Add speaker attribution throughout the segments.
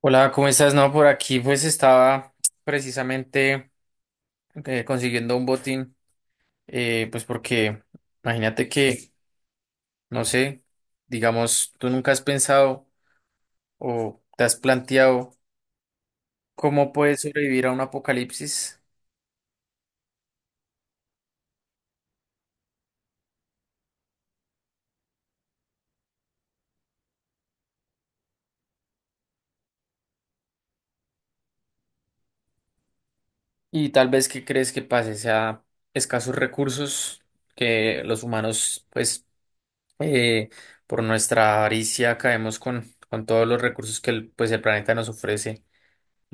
Speaker 1: Hola, ¿cómo estás? No, por aquí pues estaba precisamente consiguiendo un botín, pues porque imagínate que, no sé, digamos, tú nunca has pensado o te has planteado cómo puedes sobrevivir a un apocalipsis. Y tal vez qué crees que pase, o sea, escasos recursos que los humanos pues eh, por nuestra avaricia caemos con todos los recursos que pues el planeta nos ofrece.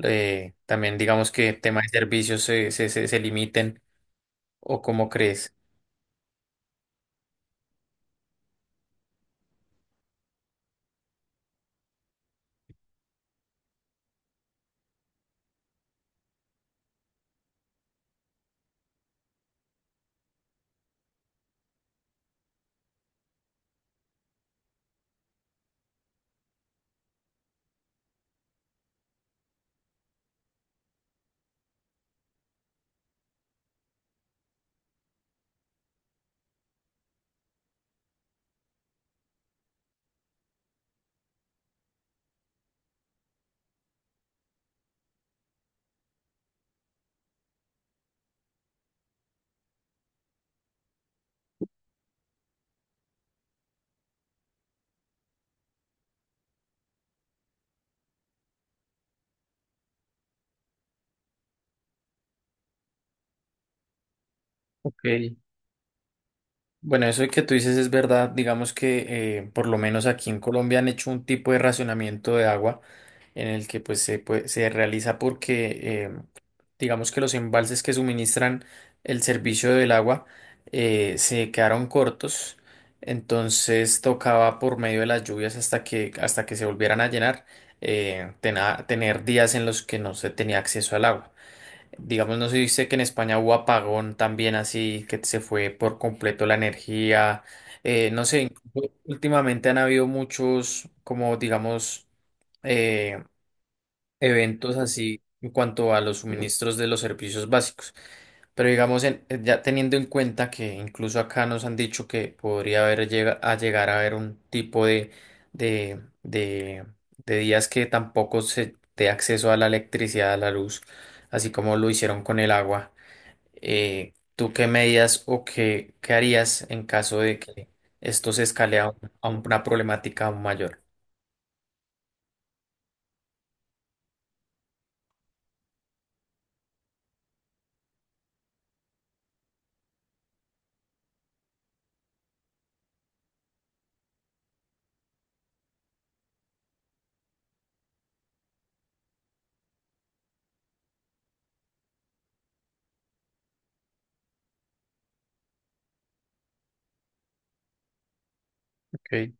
Speaker 1: También digamos que tema de servicios se limiten o cómo crees. Ok. Bueno, eso que tú dices es verdad, digamos que por lo menos aquí en Colombia han hecho un tipo de racionamiento de agua, en el que pues se realiza porque digamos que los embalses que suministran el servicio del agua se quedaron cortos. Entonces tocaba por medio de las lluvias hasta que se volvieran a llenar, tener días en los que no se tenía acceso al agua. Digamos, no se dice que en España hubo apagón también así, que se fue por completo la energía. No sé, incluso últimamente han habido muchos, como digamos, eh, eventos así en cuanto a los suministros de los servicios básicos. Pero digamos, ya teniendo en cuenta que incluso acá nos han dicho que podría haber a llegar a haber un tipo de, de, de días que tampoco se dé acceso a la electricidad, a la luz, así como lo hicieron con el agua. ¿Tú qué medidas o qué harías en caso de que esto se escale a una problemática aún mayor? Ok,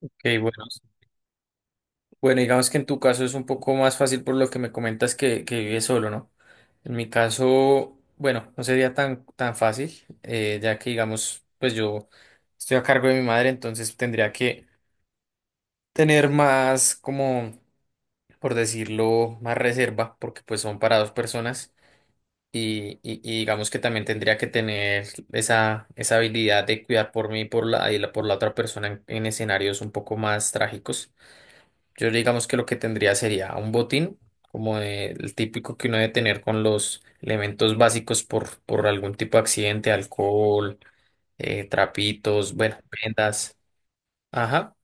Speaker 1: ok, bueno. Bueno, digamos que en tu caso es un poco más fácil por lo que me comentas que vives solo, ¿no? En mi caso, bueno, no sería tan fácil, ya que digamos, pues yo estoy a cargo de mi madre. Entonces tendría que tener más, como, por decirlo, más reserva, porque pues son para dos personas, y digamos que también tendría que tener esa habilidad de cuidar por mí y por la otra persona en escenarios un poco más trágicos. Yo digamos que lo que tendría sería un botín, como el típico que uno debe tener con los elementos básicos por algún tipo de accidente, alcohol, trapitos, bueno, vendas. Ajá.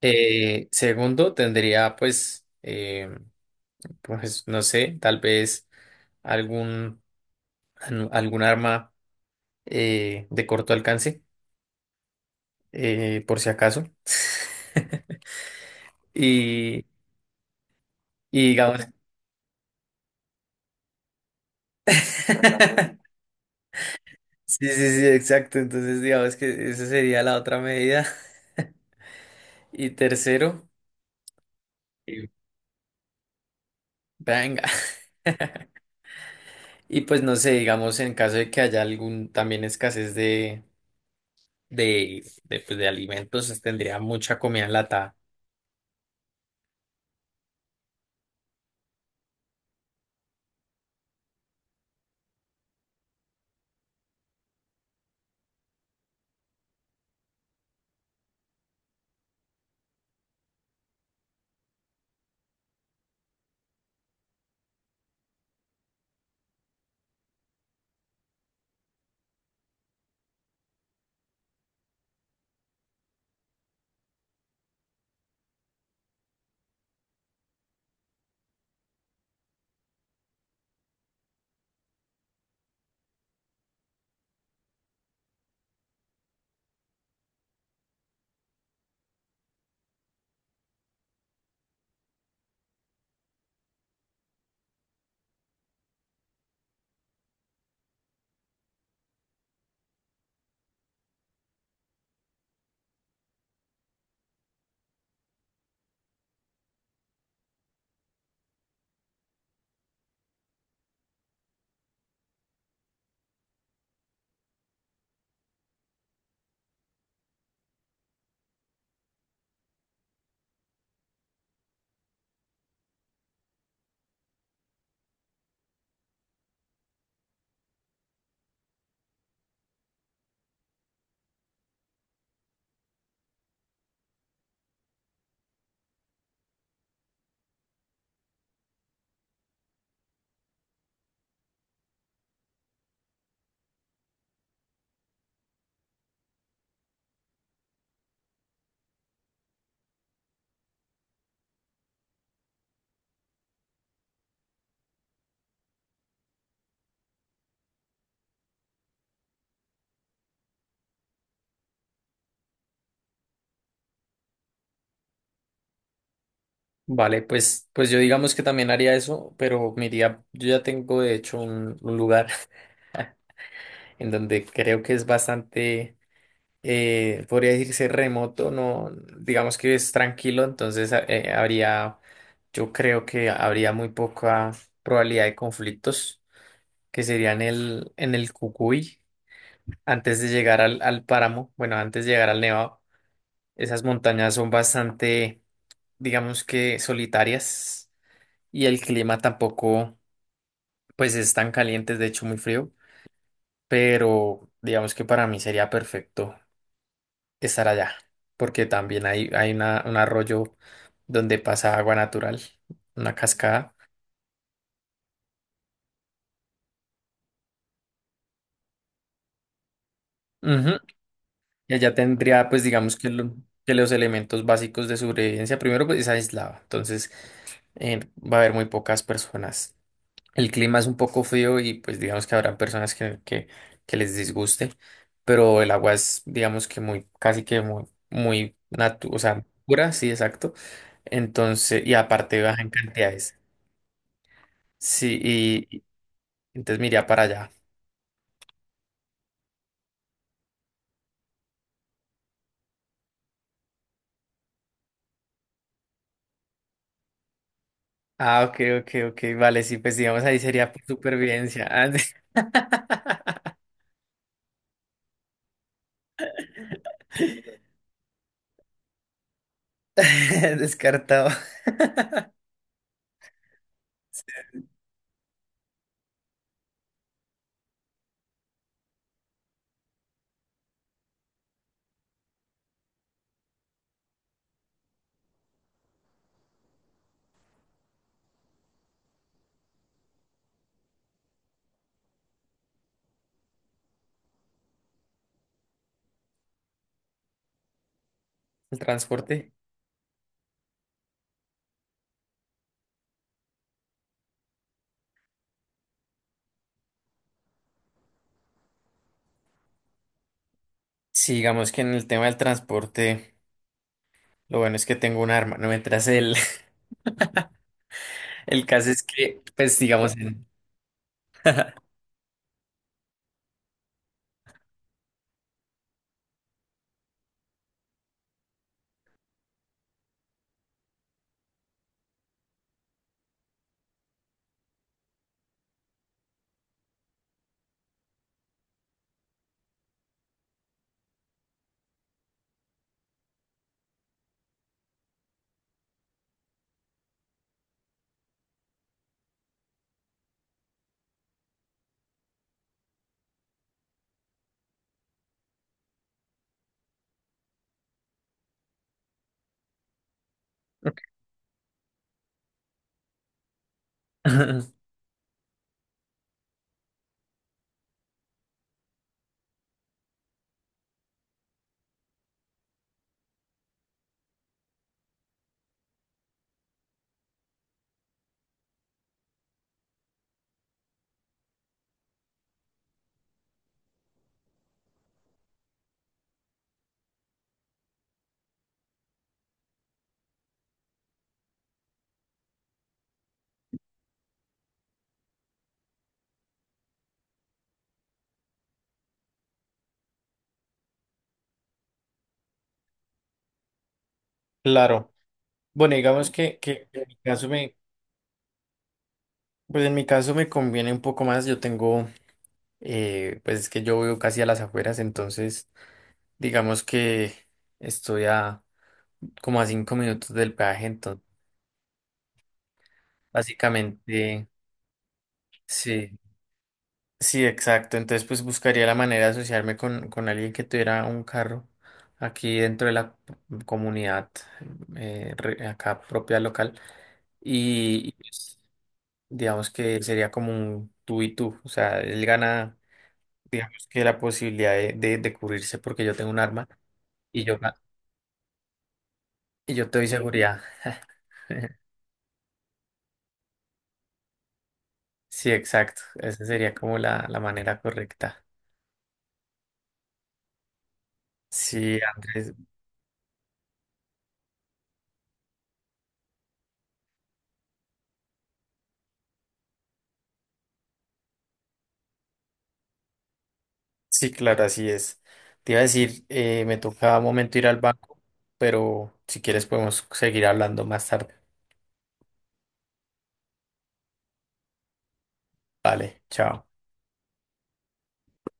Speaker 1: Segundo, tendría pues, pues, no sé, tal vez algún, algún arma de corto alcance, por si acaso. Y, y digamos. Sí, sí, sí, exacto. Entonces, digamos que esa sería la otra medida. Y tercero. Sí. Venga. Y pues no sé, digamos, en caso de que haya algún también escasez pues, de alimentos, tendría mucha comida enlatada. Vale, pues yo digamos que también haría eso, pero me iría. Yo ya tengo de hecho un lugar en donde creo que es bastante. Podría decirse remoto, no, digamos que es tranquilo. Entonces yo creo que habría muy poca probabilidad de conflictos, que serían en el Cucuy, antes de llegar al páramo, bueno, antes de llegar al Nevado. Esas montañas son bastante, digamos que solitarias, y el clima tampoco, pues es tan caliente, es de hecho muy frío, pero digamos que para mí sería perfecto estar allá, porque también un arroyo donde pasa agua natural, una cascada. Ujú. Y allá tendría, pues digamos que los elementos básicos de sobrevivencia. Primero, pues es aislado, entonces va a haber muy pocas personas. El clima es un poco frío y pues digamos que habrá personas que les disguste, pero el agua es, digamos que casi que muy, o sea, pura, sí, exacto. Entonces, y aparte baja en cantidades. Sí, y entonces me iría para allá. Ah, ok, ok, ok, vale, sí, pues digamos ahí sería por supervivencia. Ah, Descartado. El transporte. Sí, digamos que en el tema del transporte, lo bueno es que tengo un arma, no mientras el, el caso es que, pues digamos. Claro. Bueno, digamos que en mi caso pues en mi caso me conviene un poco más. Yo tengo, pues es que yo vivo casi a las afueras. Entonces digamos que estoy a como a 5 minutos del peaje. Básicamente, sí, sí, exacto. Entonces, pues buscaría la manera de asociarme con alguien que tuviera un carro aquí dentro de la comunidad, acá propia local. Y, pues, digamos que sería como un tú y tú. O sea, él gana, digamos que la posibilidad de cubrirse porque yo tengo un arma, y yo, ga- y yo te doy seguridad. Sí, exacto. Esa sería como la manera correcta. Sí, Andrés. Sí, claro, así es. Te iba a decir, me toca un momento ir al banco, pero si quieres podemos seguir hablando más tarde. Vale, chao.